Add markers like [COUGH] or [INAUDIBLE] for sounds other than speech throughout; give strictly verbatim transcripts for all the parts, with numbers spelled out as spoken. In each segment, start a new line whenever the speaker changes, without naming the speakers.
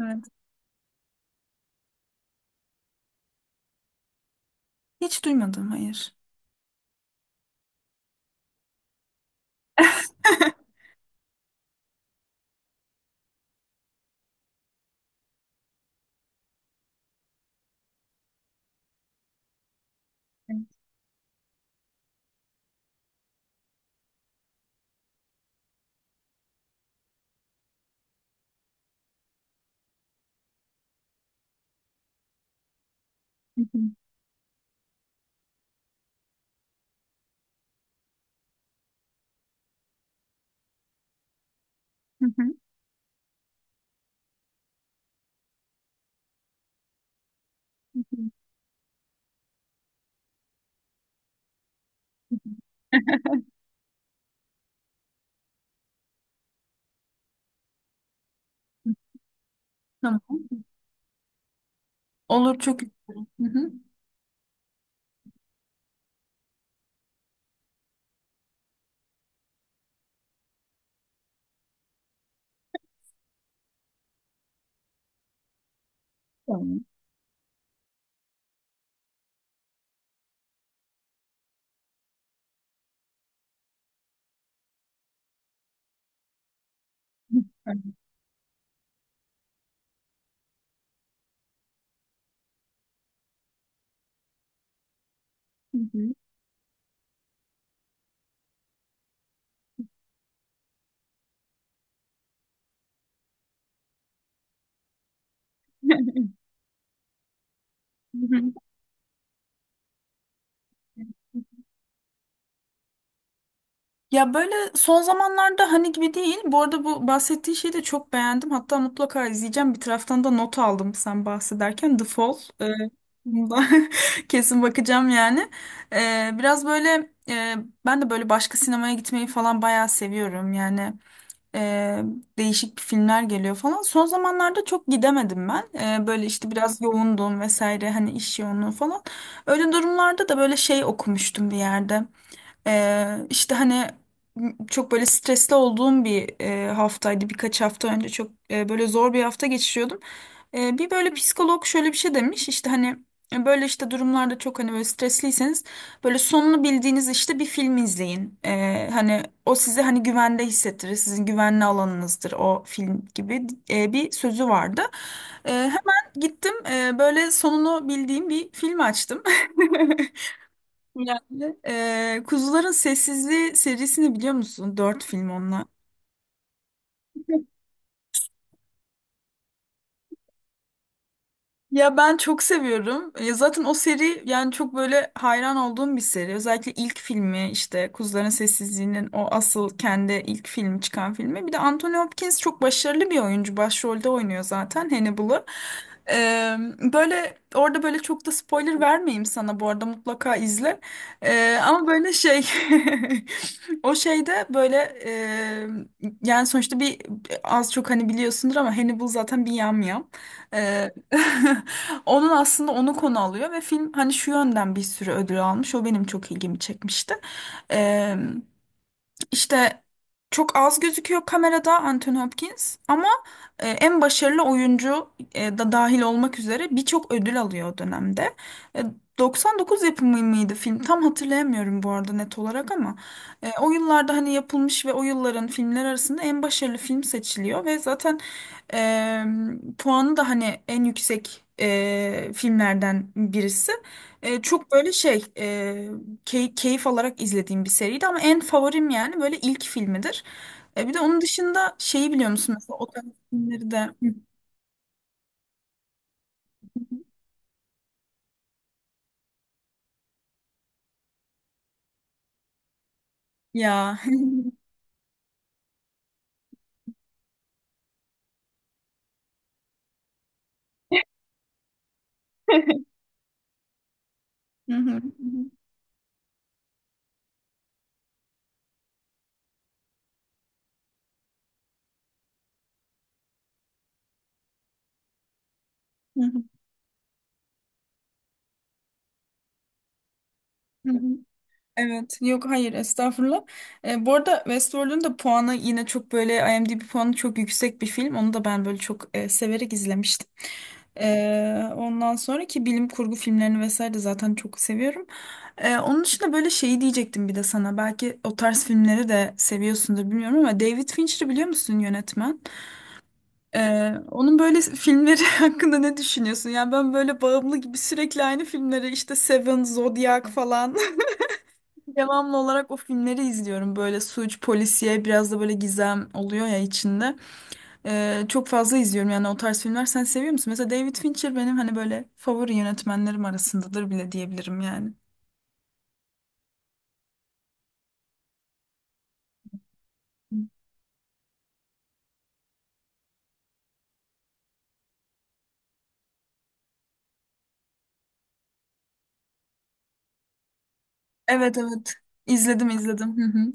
Evet. Hiç duymadım, hayır. [LAUGHS] Evet. Hı hı. Hı hı. Hı hı. Hı hı. Tamam. Olur çok isterim. Hı hı. Tamam. Hı hı. Hı hı. Ya böyle son zamanlarda hani gibi değil. Bu arada bu bahsettiği şeyi de çok beğendim. Hatta mutlaka izleyeceğim. Bir taraftan da not aldım sen bahsederken. The Fall. Ee, bunda [LAUGHS] Kesin bakacağım yani. Ee, biraz böyle e, ben de böyle başka sinemaya gitmeyi falan bayağı seviyorum. Yani e, değişik bir filmler geliyor falan. Son zamanlarda çok gidemedim ben. E, böyle işte biraz yoğundum vesaire hani iş yoğunluğu falan. Öyle durumlarda da böyle şey okumuştum bir yerde. E, işte hani m- çok böyle stresli olduğum bir e, haftaydı, birkaç hafta önce çok e, böyle zor bir hafta geçiriyordum. Ee, bir böyle psikolog şöyle bir şey demiş işte hani e, böyle işte durumlarda çok hani böyle stresliyseniz böyle sonunu bildiğiniz işte bir film izleyin. Ee, hani o sizi hani güvende hissettirir. Sizin güvenli alanınızdır o film gibi e, bir sözü vardı. Ee, hemen gittim e, böyle sonunu bildiğim bir film açtım. [LAUGHS] Yani e, Kuzuların Sessizliği serisini biliyor musun? Dört film onunla. Ya ben çok seviyorum. Ya zaten o seri yani çok böyle hayran olduğum bir seri. Özellikle ilk filmi, işte Kuzuların Sessizliği'nin o asıl kendi ilk filmi, çıkan filmi. Bir de Anthony Hopkins çok başarılı bir oyuncu. Başrolde oynuyor zaten Hannibal'ı. Ee, böyle orada böyle çok da spoiler vermeyeyim sana, bu arada mutlaka izle. Ee, ama böyle şey [LAUGHS] o şeyde böyle e, yani sonuçta bir az çok hani biliyorsundur ama Hannibal zaten bir yamyam. Ee, [LAUGHS] Onun aslında onu konu alıyor ve film hani şu yönden bir sürü ödül almış. O benim çok ilgimi çekmişti. İşte çok az gözüküyor kamerada Anthony Hopkins ama e, en başarılı oyuncu e, da dahil olmak üzere birçok ödül alıyor o dönemde. E, doksan dokuz yapımı mıydı film? Tam hatırlayamıyorum bu arada, net olarak ama e, o yıllarda hani yapılmış ve o yılların filmler arasında en başarılı film seçiliyor ve zaten e, puanı da hani en yüksek e, filmlerden birisi. E, çok böyle şey, e, key- keyif alarak izlediğim bir seriydi ama en favorim yani böyle ilk filmidir. E, bir de onun dışında şeyi biliyor musun, mesela o tarz filmleri de [LAUGHS] ya [LAUGHS] Evet, yok hayır, estağfurullah. E, bu arada Westworld'un da puanı yine çok böyle, IMDb puanı çok yüksek bir film. Onu da ben böyle çok e, severek izlemiştim. E, ondan sonra ki bilim kurgu filmlerini vesaire de zaten çok seviyorum. E, onun dışında böyle şeyi diyecektim bir de sana. Belki o tarz filmleri de seviyorsundur bilmiyorum ama, David Fincher'ı biliyor musun, yönetmen? E, onun böyle filmleri [LAUGHS] hakkında ne düşünüyorsun? Yani ben böyle bağımlı gibi sürekli aynı filmleri işte, Seven, Zodiac falan [LAUGHS] devamlı olarak o filmleri izliyorum. Böyle suç, polisiye, biraz da böyle gizem oluyor ya içinde. Ee, çok fazla izliyorum yani o tarz filmler. Sen seviyor musun? Mesela David Fincher benim hani böyle favori yönetmenlerim arasındadır bile diyebilirim yani. Evet, evet. İzledim, izledim. Hı hı.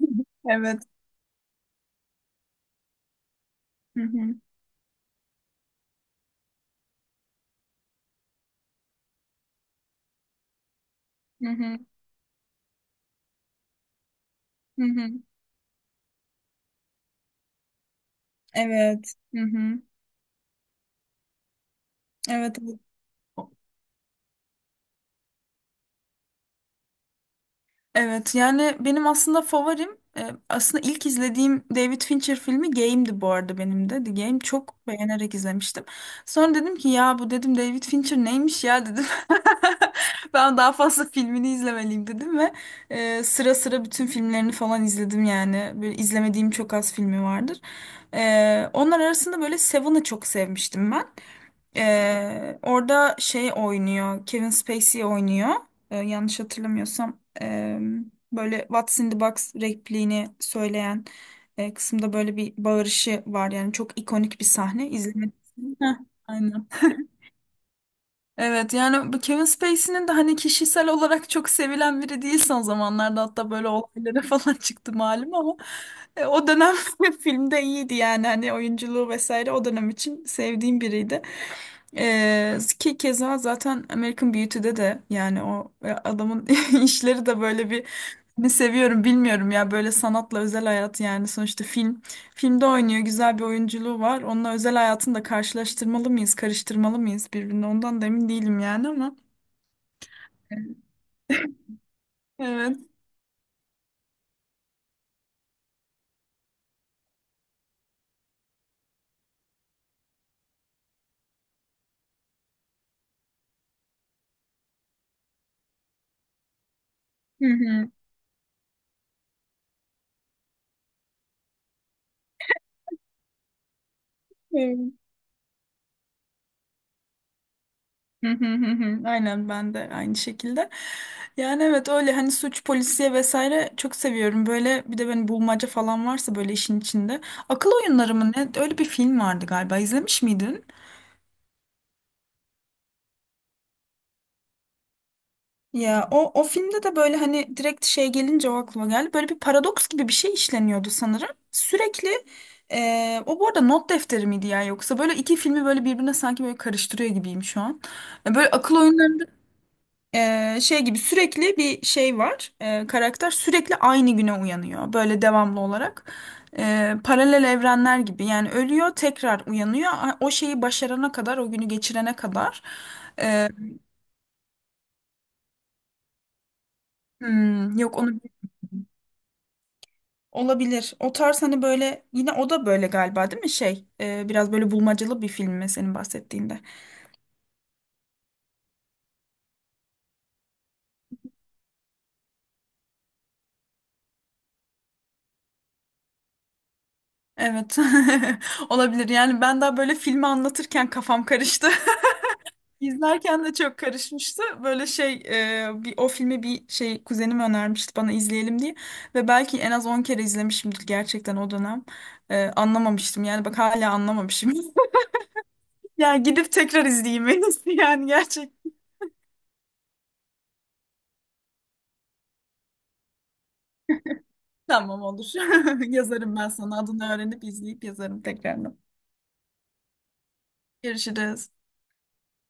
[LAUGHS] Evet. Hı hı. Hı hı. Hı hı. Evet. Hı hı. Evet. evet. Evet, yani benim aslında favorim, e, aslında ilk izlediğim David Fincher filmi Game'di, bu arada benim de. The Game çok beğenerek izlemiştim. Sonra dedim ki, ya bu dedim, David Fincher neymiş ya, dedim. [LAUGHS] Ben daha fazla filmini izlemeliyim dedim ve e, sıra sıra bütün filmlerini falan izledim yani. Böyle izlemediğim çok az filmi vardır. E, onlar arasında böyle Seven'ı çok sevmiştim ben. E, orada şey oynuyor, Kevin Spacey oynuyor, e, yanlış hatırlamıyorsam, e, böyle What's in the box repliğini söyleyen e, kısımda böyle bir bağırışı var. Yani çok ikonik bir sahne. İzlemek. Heh, aynen. Evet, yani bu Kevin Spacey'nin de hani kişisel olarak çok sevilen biri değil son zamanlarda, hatta böyle olaylara [LAUGHS] falan çıktı malum ama e, o dönem [LAUGHS] filmde iyiydi yani, hani oyunculuğu vesaire, o dönem için sevdiğim biriydi. E, ki keza zaten American Beauty'de de yani o e, adamın [LAUGHS] işleri de böyle bir ne seviyorum bilmiyorum ya, böyle sanatla özel hayat yani, sonuçta film. Filmde oynuyor, güzel bir oyunculuğu var. Onunla özel hayatını da karşılaştırmalı mıyız, karıştırmalı mıyız birbirine? Ondan da emin değilim yani ama. Evet. Hı hı. Evet. Hı hı, hı hı. Aynen, ben de aynı şekilde. Yani evet, öyle hani suç, polisiye vesaire çok seviyorum. Böyle bir de benim bulmaca falan varsa böyle işin içinde. Akıl oyunları mı ne? Öyle bir film vardı galiba. İzlemiş miydin? Ya o o filmde de böyle hani direkt şey gelince o aklıma geldi. Böyle bir paradoks gibi bir şey işleniyordu sanırım. Sürekli e, o, bu arada, not defteri miydi ya, yoksa böyle iki filmi böyle birbirine sanki böyle karıştırıyor gibiyim şu an. E, Böyle akıl oyunlarında e, şey gibi sürekli bir şey var. E, karakter sürekli aynı güne uyanıyor böyle, devamlı olarak. E, paralel evrenler gibi yani, ölüyor tekrar uyanıyor. O şeyi başarana kadar, o günü geçirene kadar. E, hmm, yok, onu. Olabilir. O tarz hani böyle, yine o da böyle galiba değil mi şey? E, biraz böyle bulmacalı bir film mi senin bahsettiğinde? Evet. [LAUGHS] Olabilir. Yani ben daha böyle filmi anlatırken kafam karıştı. [LAUGHS] İzlerken de çok karışmıştı. Böyle şey, e, bir o filmi bir şey kuzenim önermişti bana, izleyelim diye ve belki en az on kere izlemişimdir gerçekten o dönem. E, anlamamıştım. Yani bak, hala anlamamışım. [LAUGHS] Ya gidip tekrar izleyeyim en iyisi yani, gerçekten. Tamam, olur. [LAUGHS] Yazarım ben sana, adını öğrenip izleyip yazarım tekrarını. Görüşürüz.